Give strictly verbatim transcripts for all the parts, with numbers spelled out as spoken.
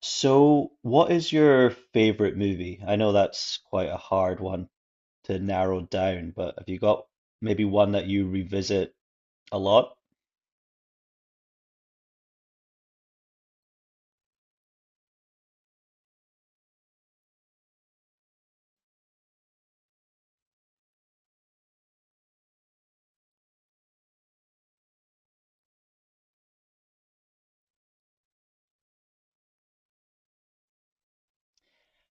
So, what is your favorite movie? I know that's quite a hard one to narrow down, but have you got maybe one that you revisit a lot?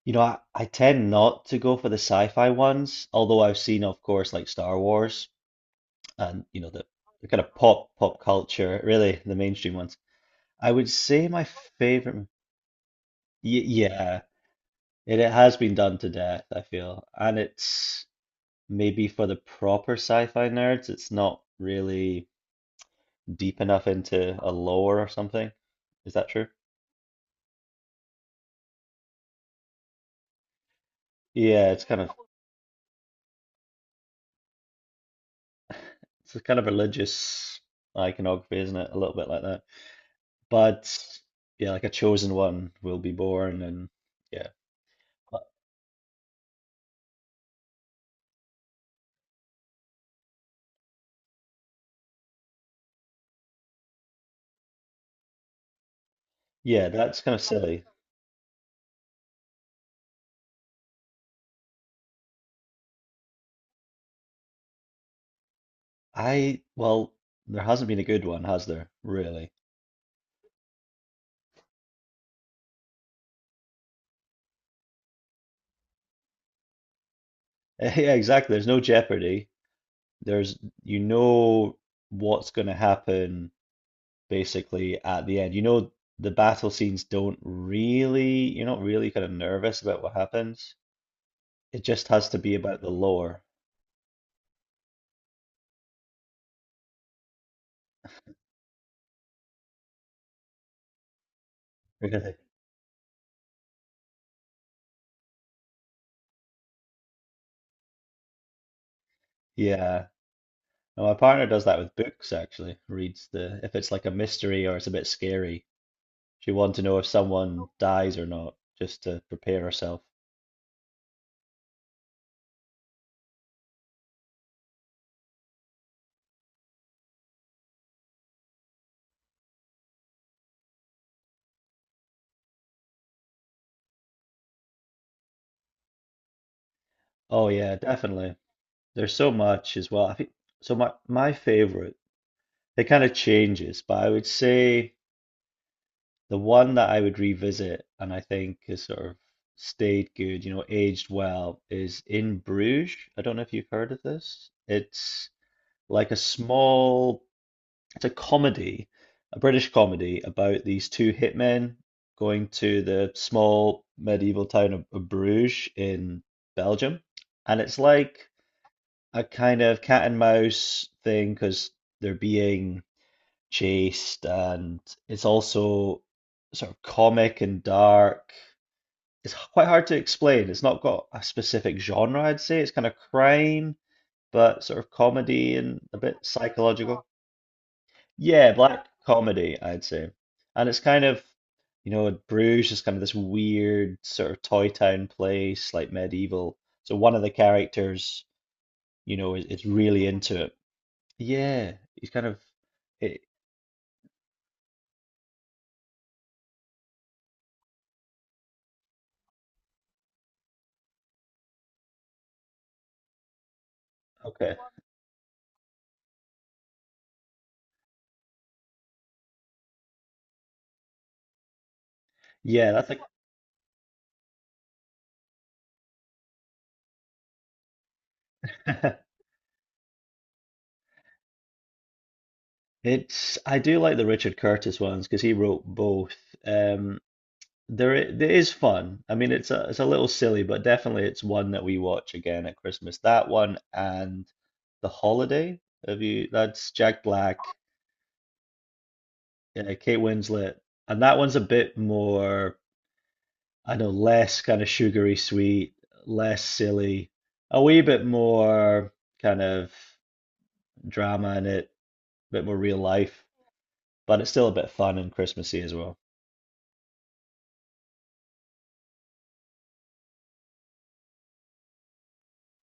You know, I, I tend not to go for the sci-fi ones, although I've seen, of course, like Star Wars and, you know, the, the kind of pop pop culture, really, the mainstream ones. I would say my favorite, m- y yeah, it, it has been done to death, I feel. And it's maybe for the proper sci-fi nerds, it's not really deep enough into a lore or something. Is that true? Yeah, it's kind of it's a kind of religious iconography, isn't it? A little bit like that. But yeah, like a chosen one will be born and yeah. But yeah, that's kind of silly. I, well, there hasn't been a good one, has there? Really? Yeah, exactly. There's no jeopardy. There's, you know, what's going to happen basically at the end. You know, the battle scenes don't really, you're not really kind of nervous about what happens. It just has to be about the lore. Really? Yeah. And my partner does that with books actually. Reads the, if it's like a mystery or it's a bit scary, she wants to know if someone dies or not, just to prepare herself. Oh yeah, definitely. There's so much as well. I think so my my favorite, it kind of changes, but I would say the one that I would revisit and I think has sort of stayed good, you know, aged well, is In Bruges. I don't know if you've heard of this. It's like a small, it's a comedy, a British comedy about these two hitmen going to the small medieval town of, of Bruges in Belgium. And it's like a kind of cat and mouse thing because they're being chaste and it's also sort of comic and dark. It's quite hard to explain. It's not got a specific genre, I'd say. It's kind of crime, but sort of comedy and a bit psychological. Yeah, black comedy, I'd say. And it's kind of, you know, Bruges is kind of this weird sort of toy town place, like medieval. So one of the characters, you know, is, is really into it. Yeah, he's kind of it, okay. Yeah, that's like it's, I do like the Richard Curtis ones because he wrote both. Um, there i- there is fun. I mean, it's a it's a little silly, but definitely it's one that we watch again at Christmas. That one and The Holiday. Have you? That's Jack Black, uh, Kate Winslet, and that one's a bit more, I know, less kind of sugary sweet, less silly, a wee bit more kind of drama in it, a bit more real life, but it's still a bit fun and Christmassy as well.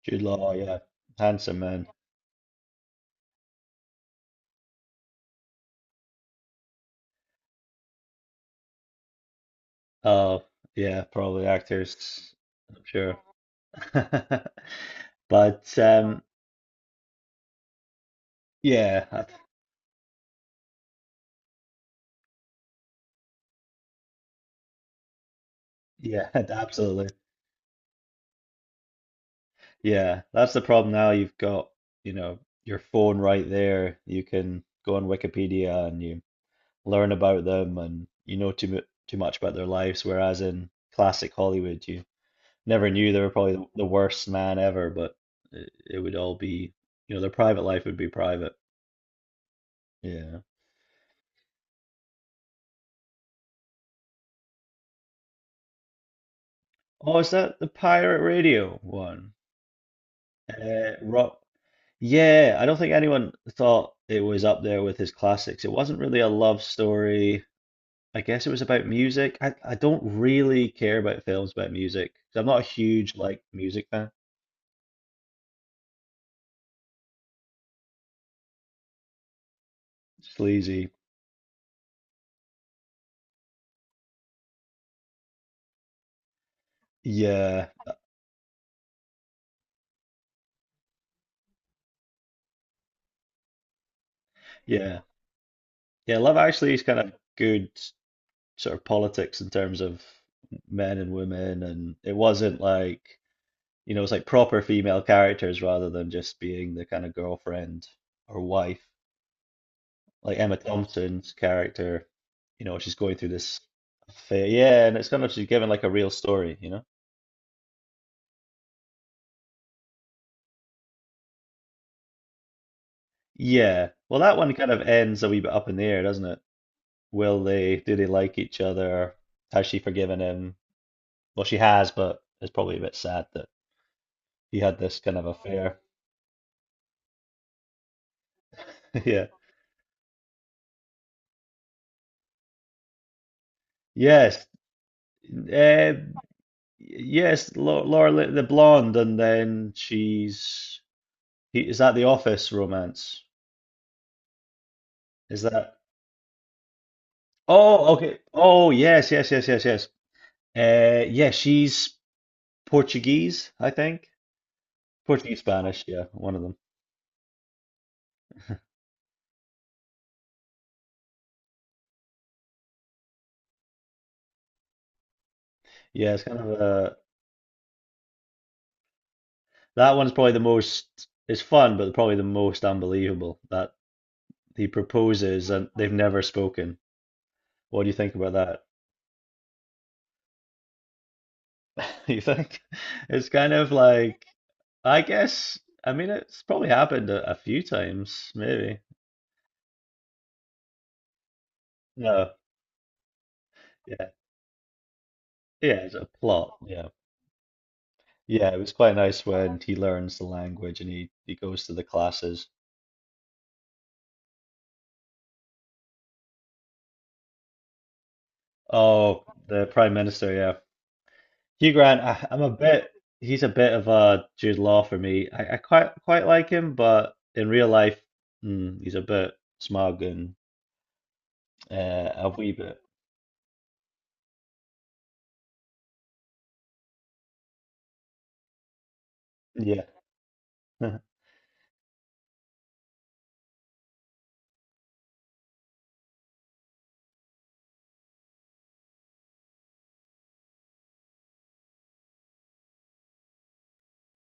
Jude Law, yeah, handsome man. Oh, yeah, probably actors, I'm sure. But um, yeah, I- yeah, absolutely. Yeah, that's the problem now. You've got, you know, your phone right there. You can go on Wikipedia and you learn about them, and you know too mu too much about their lives. Whereas in classic Hollywood, you never knew they were probably the, the worst man ever, but it, it would all be, you know, their private life would be private. Yeah. Oh, is that the pirate radio one? Uh, rock. Yeah, I don't think anyone thought it was up there with his classics. It wasn't really a love story. I guess it was about music. I, I don't really care about films about music. 'Cause I'm not a huge like music fan. Sleazy. Yeah, yeah, yeah. Love Actually is kind of good sort of politics in terms of men and women, and it wasn't like, you know, it's like proper female characters rather than just being the kind of girlfriend or wife. Like Emma Thompson's character, you know, she's going through this affair. Yeah, and it's kind of she's given like a real story, you know? Yeah. Well, that one kind of ends a wee bit up in the air, doesn't it? Will they, do they like each other? Has she forgiven him? Well, she has, but it's probably a bit sad that he had this kind of affair. Yeah. Yes. Uh, yes, Laura, Laura Lin- the blonde, and then she's He- is that The Office romance? Is that? Oh, okay. Oh, yes, yes, yes, yes, yes. Uh, yeah, she's Portuguese, I think. Portuguese, Spanish, yeah, one of them. Yeah, it's kind of a that one's probably the most. It's fun, but probably the most unbelievable that he proposes and they've never spoken. What do you think about that? You think it's kind of like, I guess, I mean it's probably happened a, a few times, maybe. No, yeah, yeah, it's a plot, yeah. Yeah, it was quite nice when he learns the language and he, he goes to the classes. Oh, the Prime Minister, yeah. Hugh Grant, I, I'm a bit, he's a bit of a Jude Law for me. I, I quite quite like him, but in real life, mm, he's a bit smug and uh, a wee bit. Yeah.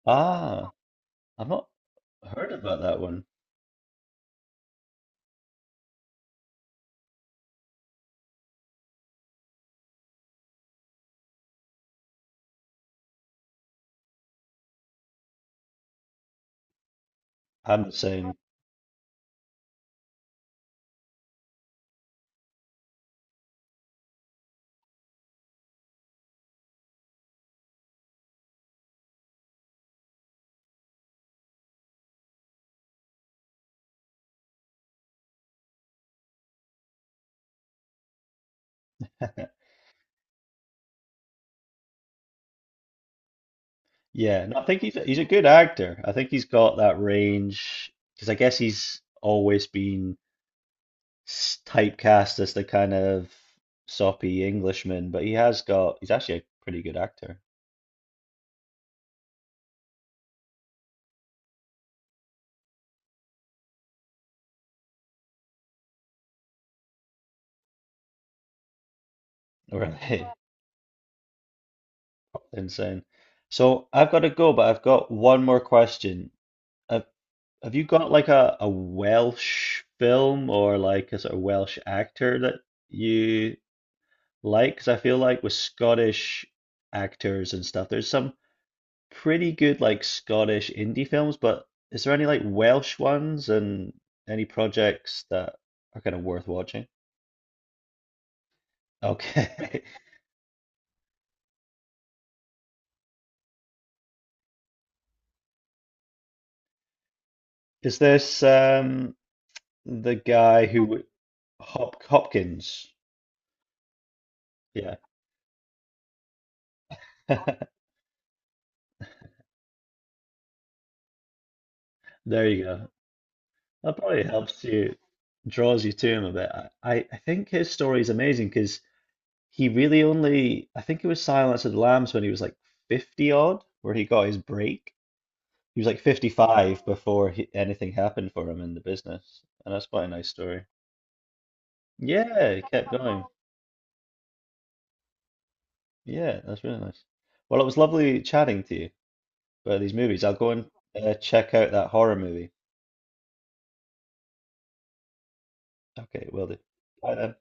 Ah, I've not heard about that one. I'm the same. Yeah, and I think he's a, he's a good actor. I think he's got that range because I guess he's always been s- typecast as the kind of soppy Englishman, but he has got, he's actually a pretty good actor. Really insane. So I've got to go, but I've got one more question. Have, have you got like a, a Welsh film or like a sort of Welsh actor that you like? Because I feel like with Scottish actors and stuff, there's some pretty good like Scottish indie films, but is there any like Welsh ones and any projects that are kind of worth watching? Okay. Is this um the guy who w- Hop Hopkins? Yeah. There you go. That probably helps you, draws you to him a bit. I, I I think his story is amazing because he really only, I think it was Silence of the Lambs when he was like fifty odd, where he got his break. He was like fifty-five before he, anything happened for him in the business. And that's quite a nice story. Yeah, he kept going. Yeah, that's really nice. Well, it was lovely chatting to you about these movies. I'll go and uh, check out that horror movie. Okay, will do. Bye then.